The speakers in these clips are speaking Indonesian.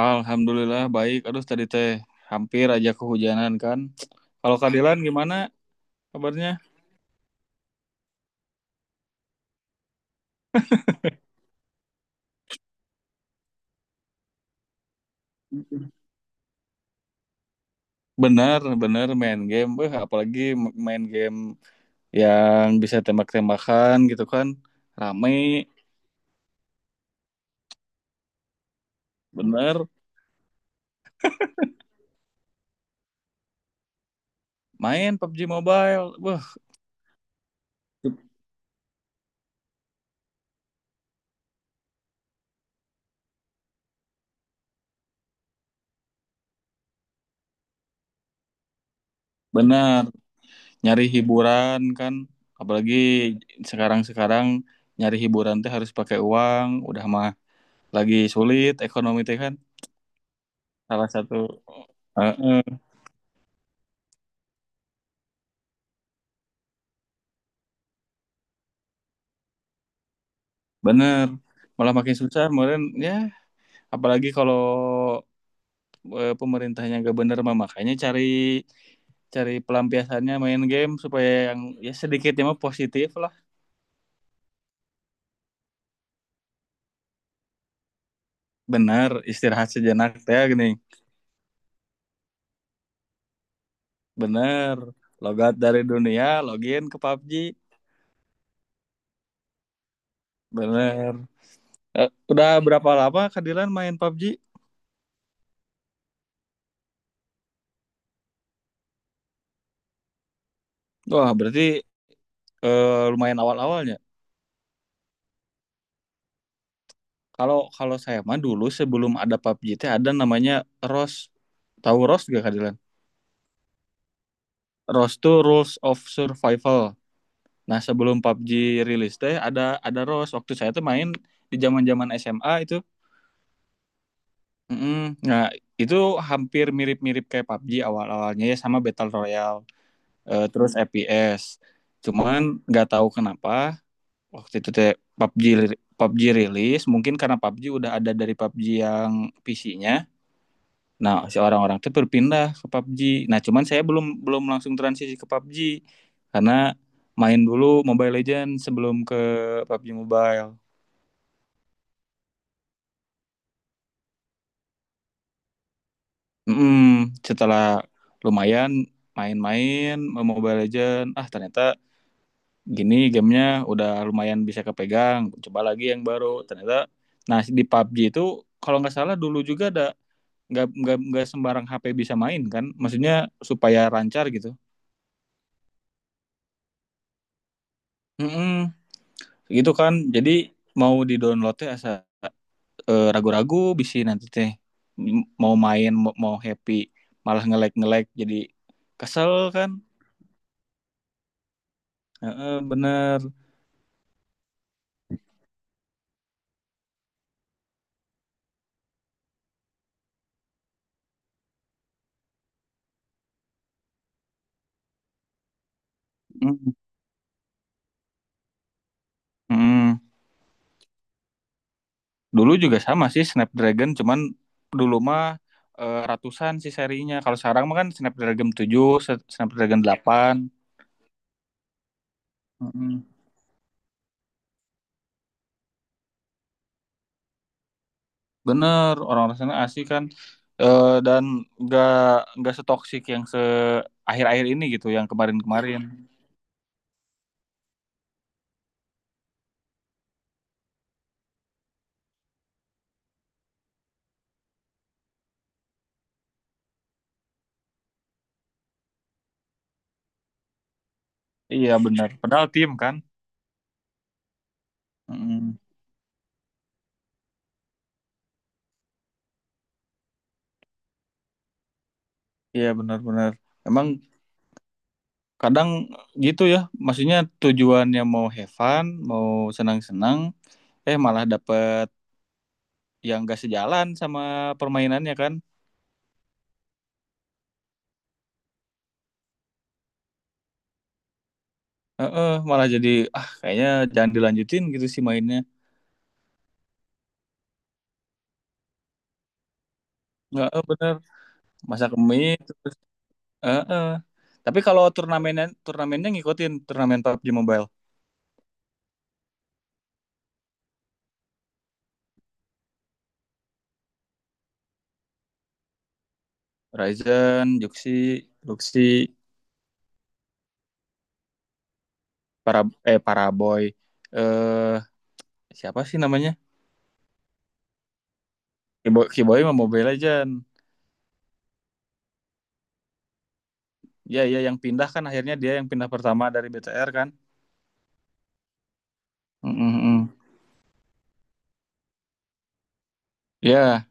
Alhamdulillah baik. Aduh tadi teh hampir aja kehujanan kan. Kalau Kadilan gimana kabarnya? Bener, bener main game. Apalagi main game yang bisa tembak-tembakan gitu kan. Rame, bener. Main PUBG Mobile. Wah, bener. Nyari hiburan kan. Apalagi sekarang-sekarang nyari hiburan teh harus pakai uang. Udah mah lagi sulit ekonomi teh kan. Salah satu heeh, bener, malah makin susah kemarin ya, apalagi kalau pemerintahnya nggak bener mah makanya cari cari pelampiasannya main game supaya yang ya sedikitnya mah positif lah. Bener, istirahat sejenak teh gini. Bener, logat dari dunia, login ke PUBG. Bener. Eh, udah berapa lama Kadilan main PUBG? Wah, berarti lumayan awal-awalnya. Kalau kalau saya mah dulu sebelum ada PUBG teh ada namanya ROS. Tahu ROS gak Kadilan? ROS tuh Rules of Survival. Nah, sebelum PUBG rilis teh ada ROS. Waktu saya tuh main di zaman-zaman SMA itu. Mm-mm. Nah, itu hampir mirip-mirip kayak PUBG awal-awalnya ya sama Battle Royale, terus FPS. Cuman nggak tahu kenapa waktu itu teh PUBG PUBG rilis, mungkin karena PUBG udah ada dari PUBG yang PC-nya. Nah, si orang-orang itu berpindah ke PUBG. Nah, cuman saya belum belum langsung transisi ke PUBG karena main dulu Mobile Legends sebelum ke PUBG Mobile. mm Setelah lumayan main-main Mobile Legends, ah ternyata gini gamenya, udah lumayan bisa kepegang. Coba lagi yang baru. Ternyata, nah di PUBG itu kalau nggak salah dulu juga ada nggak sembarang HP bisa main kan? Maksudnya supaya lancar gitu. Mm-mm. Gitu kan jadi mau di downloadnya asa ragu-ragu bisa nanti teh mau main mau happy malah ngelek-ngelek jadi kesel kan. Heeh, bener. Mm, mm. Dulu juga sama sih Snapdragon, cuman dulu mah ratusan sih serinya, kalau sekarang mah kan Snapdragon 7, Snapdragon 8. mm Bener orang-orang sana asik kan. Dan nggak nggak setoksik yang akhir-akhir ini gitu yang kemarin-kemarin. Iya benar. Padahal tim kan. mm Iya benar-benar. Emang kadang gitu ya. Maksudnya tujuannya mau have fun, mau senang-senang, eh malah dapet yang gak sejalan sama permainannya kan. Heeh, malah jadi ah kayaknya jangan dilanjutin gitu sih mainnya. Nggak, eh, bener. Masak mie terus. Heeh. Tapi kalau turnamennya, turnamennya ngikutin turnamen PUBG Mobile. Ryzen, Juxi, Luxi, para Paraboy. Eh, siapa sih namanya? Kiboy, Kiboy mau Mobile Legend. Ya, ya yang pindah kan akhirnya dia yang pindah pertama dari BTR kan. Mm, mm, mm. Ya,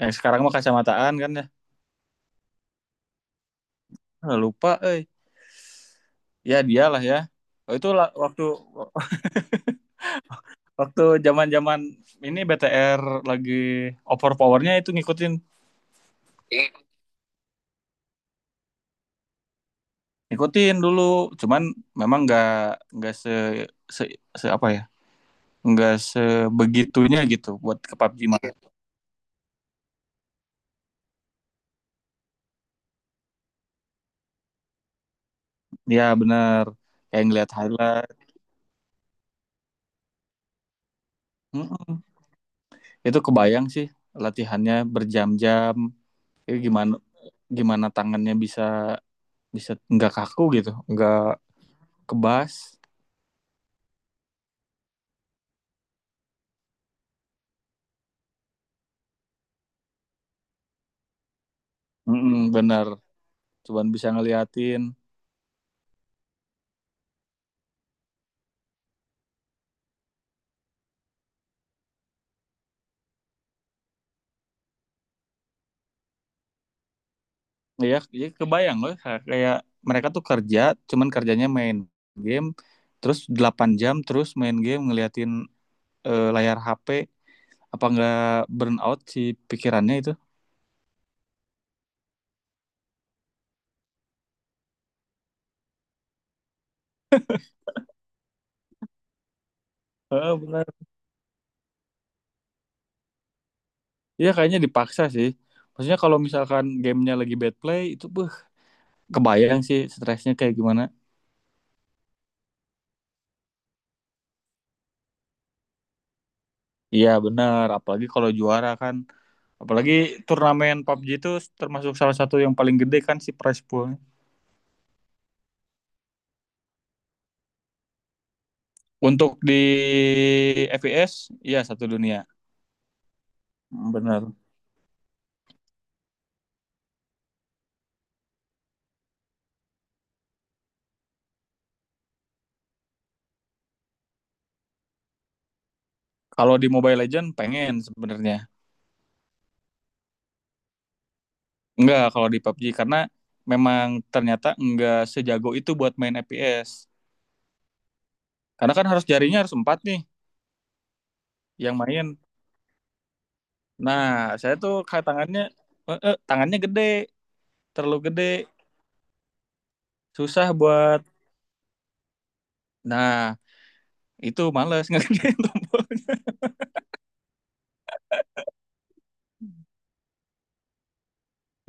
yang sekarang mah kacamataan kan ya. Ah, lupa, eh. Ya dialah ya. Oh, itu waktu waktu zaman-zaman ini BTR lagi overpowernya itu ngikutin, ngikutin dulu. Cuman memang nggak se, se se apa ya? Nggak sebegitunya gitu buat ke PUBG mah. Ya benar. Kayak ngeliat highlight. Mm, mm. Itu kebayang sih latihannya berjam-jam itu gimana, tangannya bisa, bisa nggak kaku gitu, nggak kebas. Mm-mm, bener. Cuman bisa ngeliatin. Ya ya kebayang loh, kayak mereka tuh kerja cuman kerjanya main game terus 8 jam, terus main game ngeliatin layar HP. Apa nggak burn out si pikirannya itu. Eh benar. Iya kayaknya dipaksa sih. Maksudnya kalau misalkan gamenya lagi bad play itu beuh, kebayang sih stresnya kayak gimana. Iya benar, apalagi kalau juara kan. Apalagi turnamen PUBG itu termasuk salah satu yang paling gede kan si prize poolnya. Untuk di FPS, iya satu dunia. Hmm, benar. Kalau di Mobile Legend pengen sebenarnya. Enggak kalau di PUBG karena memang ternyata enggak sejago itu buat main FPS. Karena kan harus jarinya harus empat nih yang main. Nah, saya tuh kayak tangannya tangannya gede, terlalu gede, susah buat. Nah, itu males ngerjain tombolnya.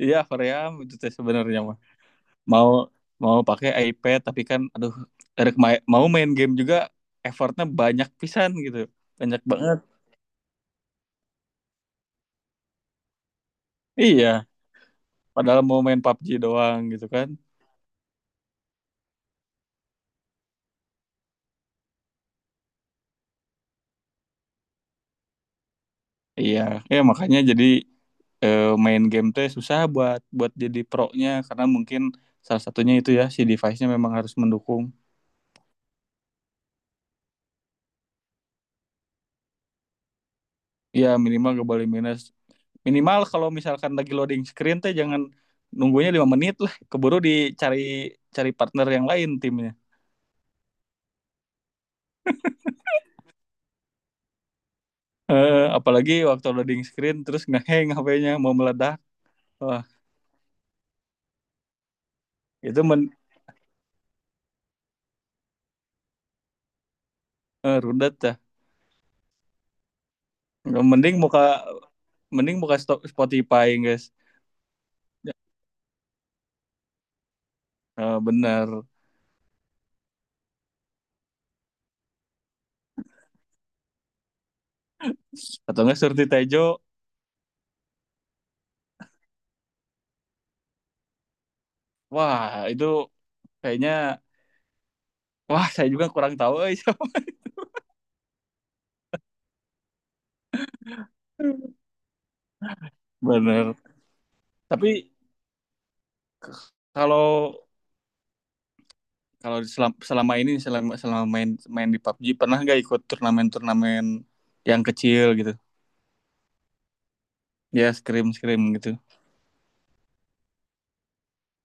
Iya Korea itu teh sebenarnya mah mau mau pakai iPad tapi kan aduh dari mau main game juga effortnya banyak pisan gitu, banyak banget. Iya padahal mau main PUBG doang gitu kan. Iya, ya makanya jadi main game teh susah buat, buat jadi pro-nya karena mungkin salah satunya itu ya si device-nya memang harus mendukung. Iya minimal gak boleh minus, minimal kalau misalkan lagi loading screen teh jangan nunggunya 5 menit lah, keburu dicari, cari partner yang lain timnya. eh Apalagi waktu loading screen terus ngeheng HP-nya mau meledak, wah itu rudet dah. mending muka Mending muka stop Spotify guys. Eh, bener. Atau enggak Surti Tejo. Wah itu kayaknya, wah saya juga kurang tahu eh. Bener, tapi kalau, kalau selama, selama ini selama selama main, main di PUBG pernah nggak ikut turnamen-turnamen yang kecil gitu? Ya scrim-scrim gitu.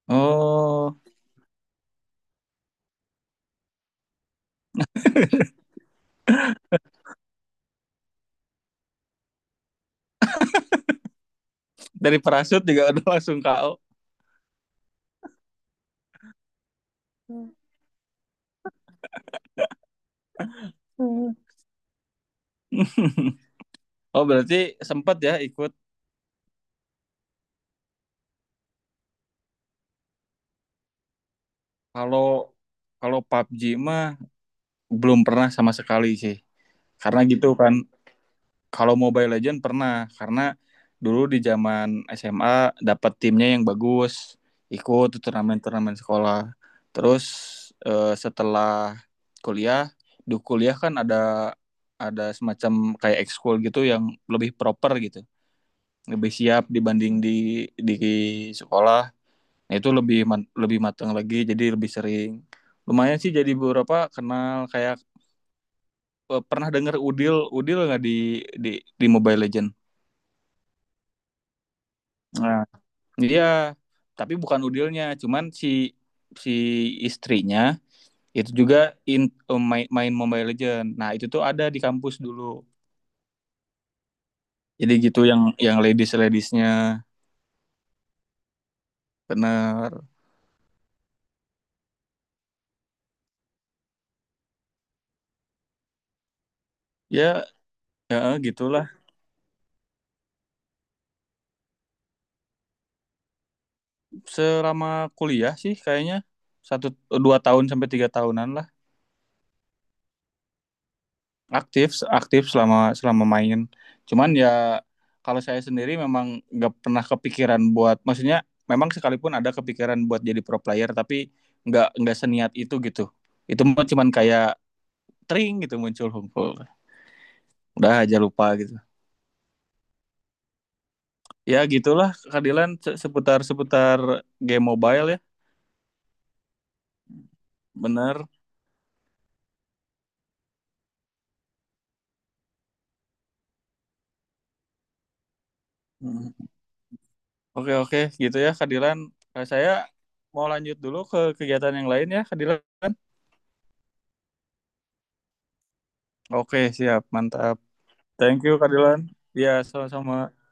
Oh, dari parasut juga udah langsung KO. Hmm. Oh, berarti sempat ya ikut. Kalau kalau PUBG mah belum pernah sama sekali sih. Karena gitu kan. Kalau Mobile Legend pernah karena dulu di zaman SMA dapat timnya yang bagus, ikut turnamen-turnamen sekolah. Terus setelah kuliah, di kuliah kan ada semacam kayak ekskul gitu yang lebih proper gitu, lebih siap dibanding di sekolah. Nah, itu lebih lebih matang lagi, jadi lebih sering. Lumayan sih jadi beberapa kenal kayak pernah dengar Udil, Udil nggak di di di Mobile Legend? Nah, iya, tapi bukan Udilnya, cuman si si istrinya itu juga in, main Mobile Legend. Nah, itu tuh ada di kampus dulu. Jadi gitu yang ladies-ladiesnya. Bener. Ya, ya gitulah. Selama kuliah sih kayaknya satu 2 tahun sampai 3 tahunan lah. Aktif, aktif selama selama main cuman ya kalau saya sendiri memang nggak pernah kepikiran buat, maksudnya memang sekalipun ada kepikiran buat jadi pro player tapi nggak seniat itu gitu. Itu mah cuman kayak tring gitu muncul hunkul, udah aja lupa gitu. Ya gitulah keadilan, seputar seputar game mobile ya. Bener. Mm. Oke, oke, gitu ya keadilan. Nah, saya mau lanjut dulu ke kegiatan yang lain ya keadilan. Oke siap mantap. Thank you kak Dilan. Iya sama sama.